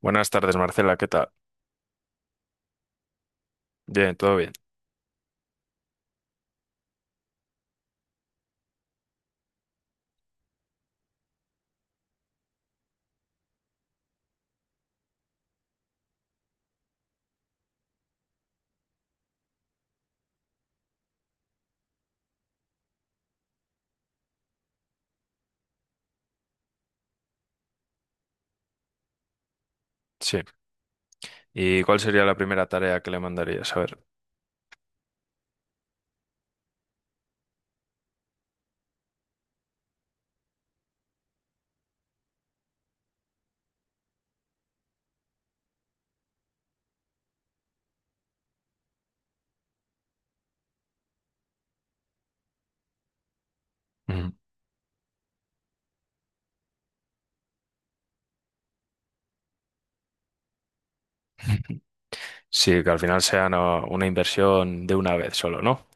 Buenas tardes, Marcela, ¿qué tal? Bien, todo bien. Sí. ¿Y cuál sería la primera tarea que le mandarías? A ver. Ujú. Sí, que al final sea una inversión de una vez solo, ¿no?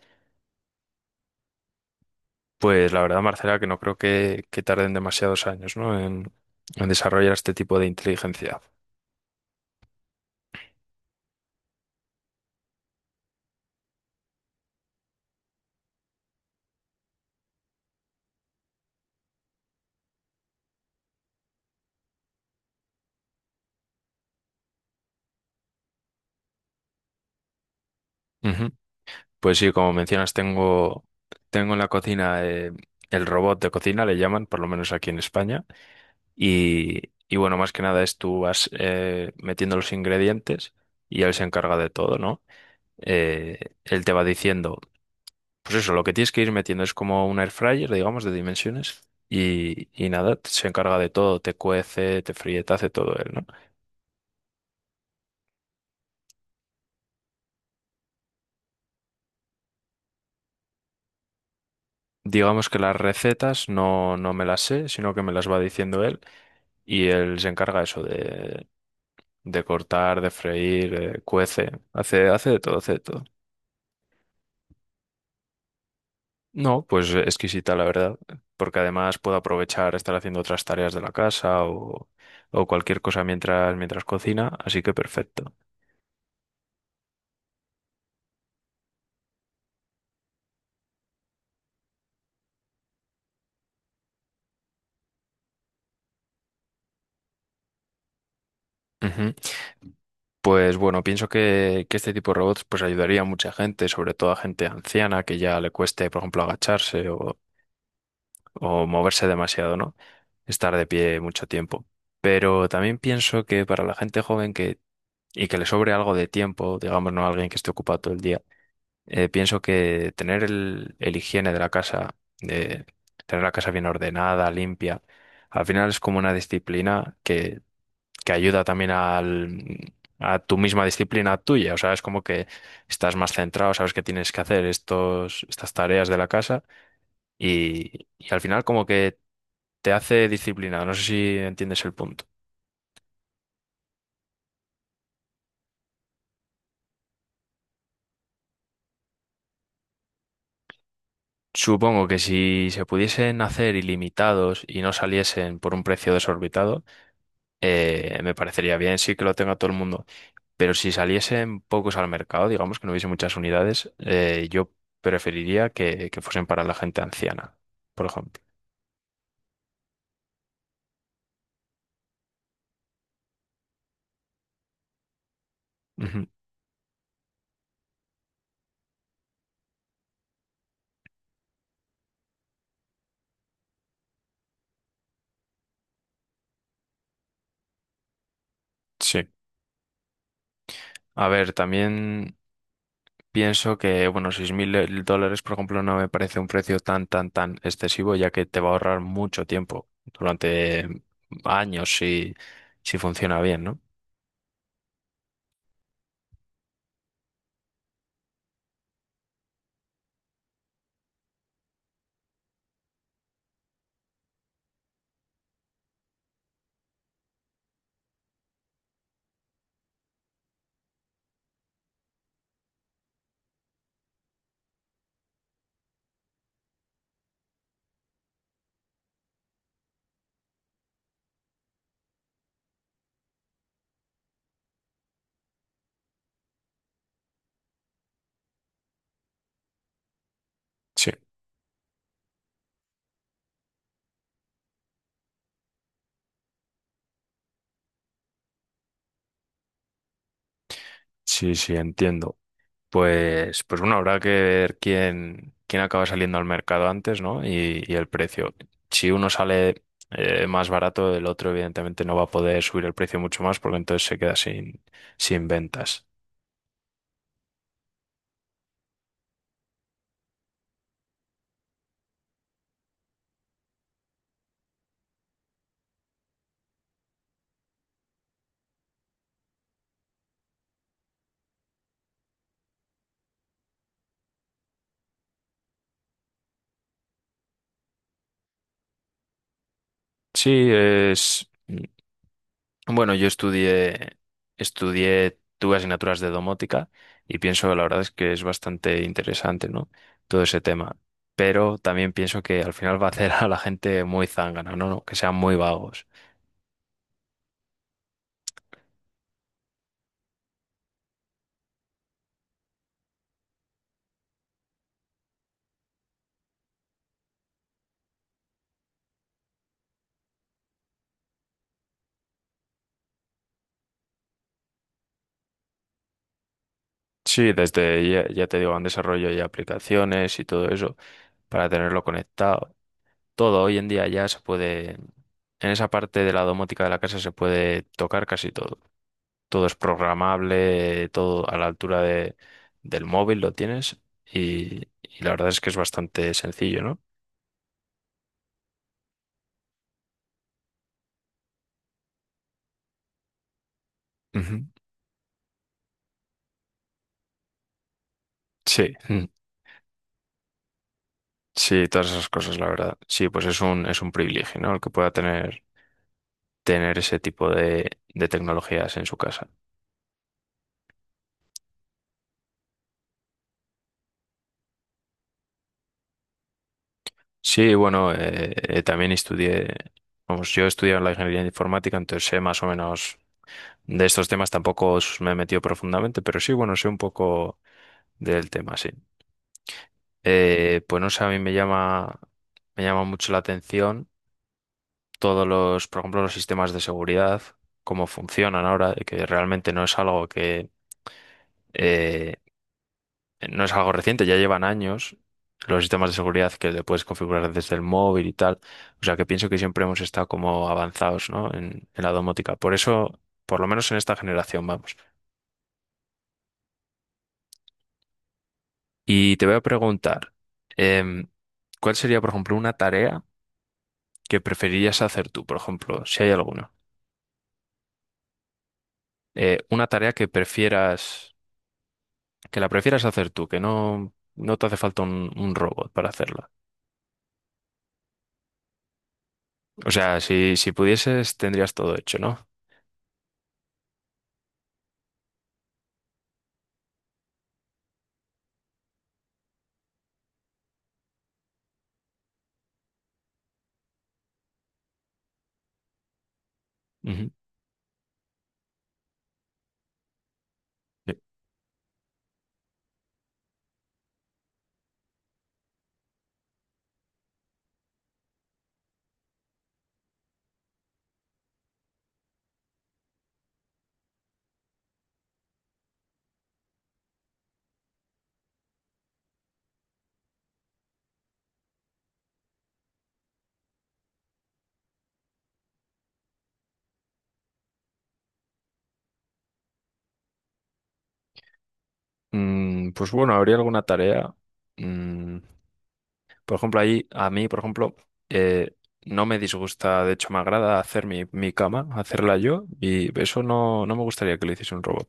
Pues la verdad, Marcela, que no creo que tarden demasiados años, ¿no? En desarrollar este tipo de inteligencia. Ujú. Pues sí, como mencionas, tengo en la cocina el robot de cocina, le llaman, por lo menos aquí en España. Y bueno, más que nada es tú vas metiendo los ingredientes y él se encarga de todo, ¿no? eh, Él te va diciendo, pues eso, lo que tienes que ir metiendo es como un air fryer, digamos, de dimensiones. Y nada, se encarga de todo, te cuece, te fríe, te hace todo él, ¿no? Digamos que las recetas no me las sé, sino que me las va diciendo él y él se encarga eso de cortar, de freír, cuece, hace de todo, hace de todo. No, pues exquisita la verdad, porque además puedo aprovechar estar haciendo otras tareas de la casa o cualquier cosa mientras cocina, así que perfecto. Ujú. Pues bueno, pienso que este tipo de robots pues ayudaría a mucha gente, sobre todo a gente anciana que ya le cueste, por ejemplo, agacharse o moverse demasiado, ¿no? Estar de pie mucho tiempo. Pero también pienso que para la gente joven y que le sobre algo de tiempo, digamos, no alguien que esté ocupado todo el día, pienso que tener el higiene de la casa, de tener la casa bien ordenada, limpia, al final es como una disciplina que ayuda también al, a tu misma disciplina tuya. O sea, es como que estás más centrado, sabes que tienes que hacer estas tareas de la casa y al final como que te hace disciplinado. No sé si entiendes el punto. Supongo que si se pudiesen hacer ilimitados y no saliesen por un precio desorbitado, me parecería bien, sí que lo tenga todo el mundo. Pero si saliesen pocos al mercado, digamos que no hubiese muchas unidades, yo preferiría que fuesen para la gente anciana, por ejemplo. Ujú. Sí. A ver, también pienso que, bueno, 6.000 dólares, por ejemplo, no me parece un precio tan excesivo, ya que te va a ahorrar mucho tiempo durante años si, si funciona bien, ¿no? Sí, sí, sí, entiendo. Pues bueno, habrá que ver quién acaba saliendo al mercado antes, ¿no? Y el precio. Si uno sale más barato, el otro evidentemente no va a poder subir el precio mucho más porque entonces se queda sin, sin ventas. Sí, es bueno, yo estudié estudié tuve asignaturas de domótica y pienso, la verdad es que es bastante interesante, ¿no? Todo ese tema. Pero también pienso que al final va a hacer a la gente muy zángana, ¿no? No, que sean muy vagos. Sí, desde ya, ya te digo, han desarrollo y aplicaciones y todo eso para tenerlo conectado. Todo hoy en día ya se puede, en esa parte de la domótica de la casa se puede tocar casi todo. Todo es programable, todo a la altura de, del móvil lo tienes y la verdad es que es bastante sencillo, ¿no? Ujú. Sí, mm, sí, todas esas cosas, la verdad. Sí, pues es un privilegio, ¿no? El que pueda tener, tener ese tipo de tecnologías en su casa. Sí, bueno, también estudié, vamos, yo he estudiado la ingeniería informática, entonces sé más o menos de estos temas, tampoco me he metido profundamente, pero sí, bueno, sé un poco del tema, sí. Pues no sé, a mí me llama mucho la atención por ejemplo, los sistemas de seguridad, cómo funcionan ahora, de que realmente no es algo que, eh, no es algo reciente, ya llevan años los sistemas de seguridad que le puedes configurar desde el móvil y tal. O sea, que pienso que siempre hemos estado como avanzados, ¿no? En la domótica. Por eso, por lo menos en esta generación, vamos. Y te voy a preguntar, em, ¿cuál sería, por ejemplo, una tarea que preferirías hacer tú, por ejemplo, si hay alguna? Una tarea que prefieras, que la prefieras hacer tú, que no, no te hace falta un robot para hacerla. O sea, si, si pudieses, tendrías todo hecho, ¿no? Ujú. Sí. Mm, pues bueno, habría alguna tarea. Mm, por ejemplo, ahí, a mí, por ejemplo, eh, no me disgusta, de hecho, me agrada hacer mi, mi cama, hacerla yo, y eso no, no me gustaría que lo hiciese un robot.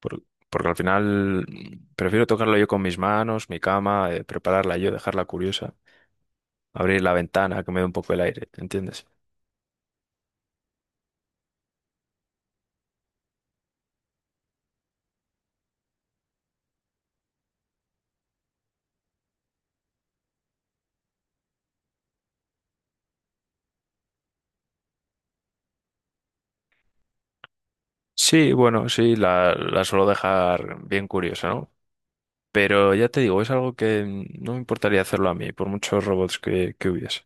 por- Porque al final mm, prefiero tocarla yo con mis manos, mi cama, prepararla yo, dejarla curiosa. Abrir la ventana, que me dé un poco el aire, ¿entiendes? Sí, bueno, sí, la suelo dejar bien curiosa, ¿no? Pero ya te digo, es algo que mm, no me importaría hacerlo a mí, por muchos robots que hubiese.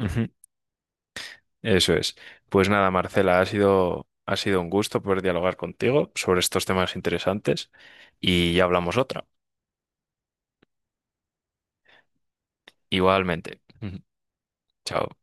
Ujú, eso es. Pues nada, Marcela, ha sido un gusto poder dialogar contigo sobre estos temas interesantes y ya hablamos otra. Igualmente. Ujú, chao.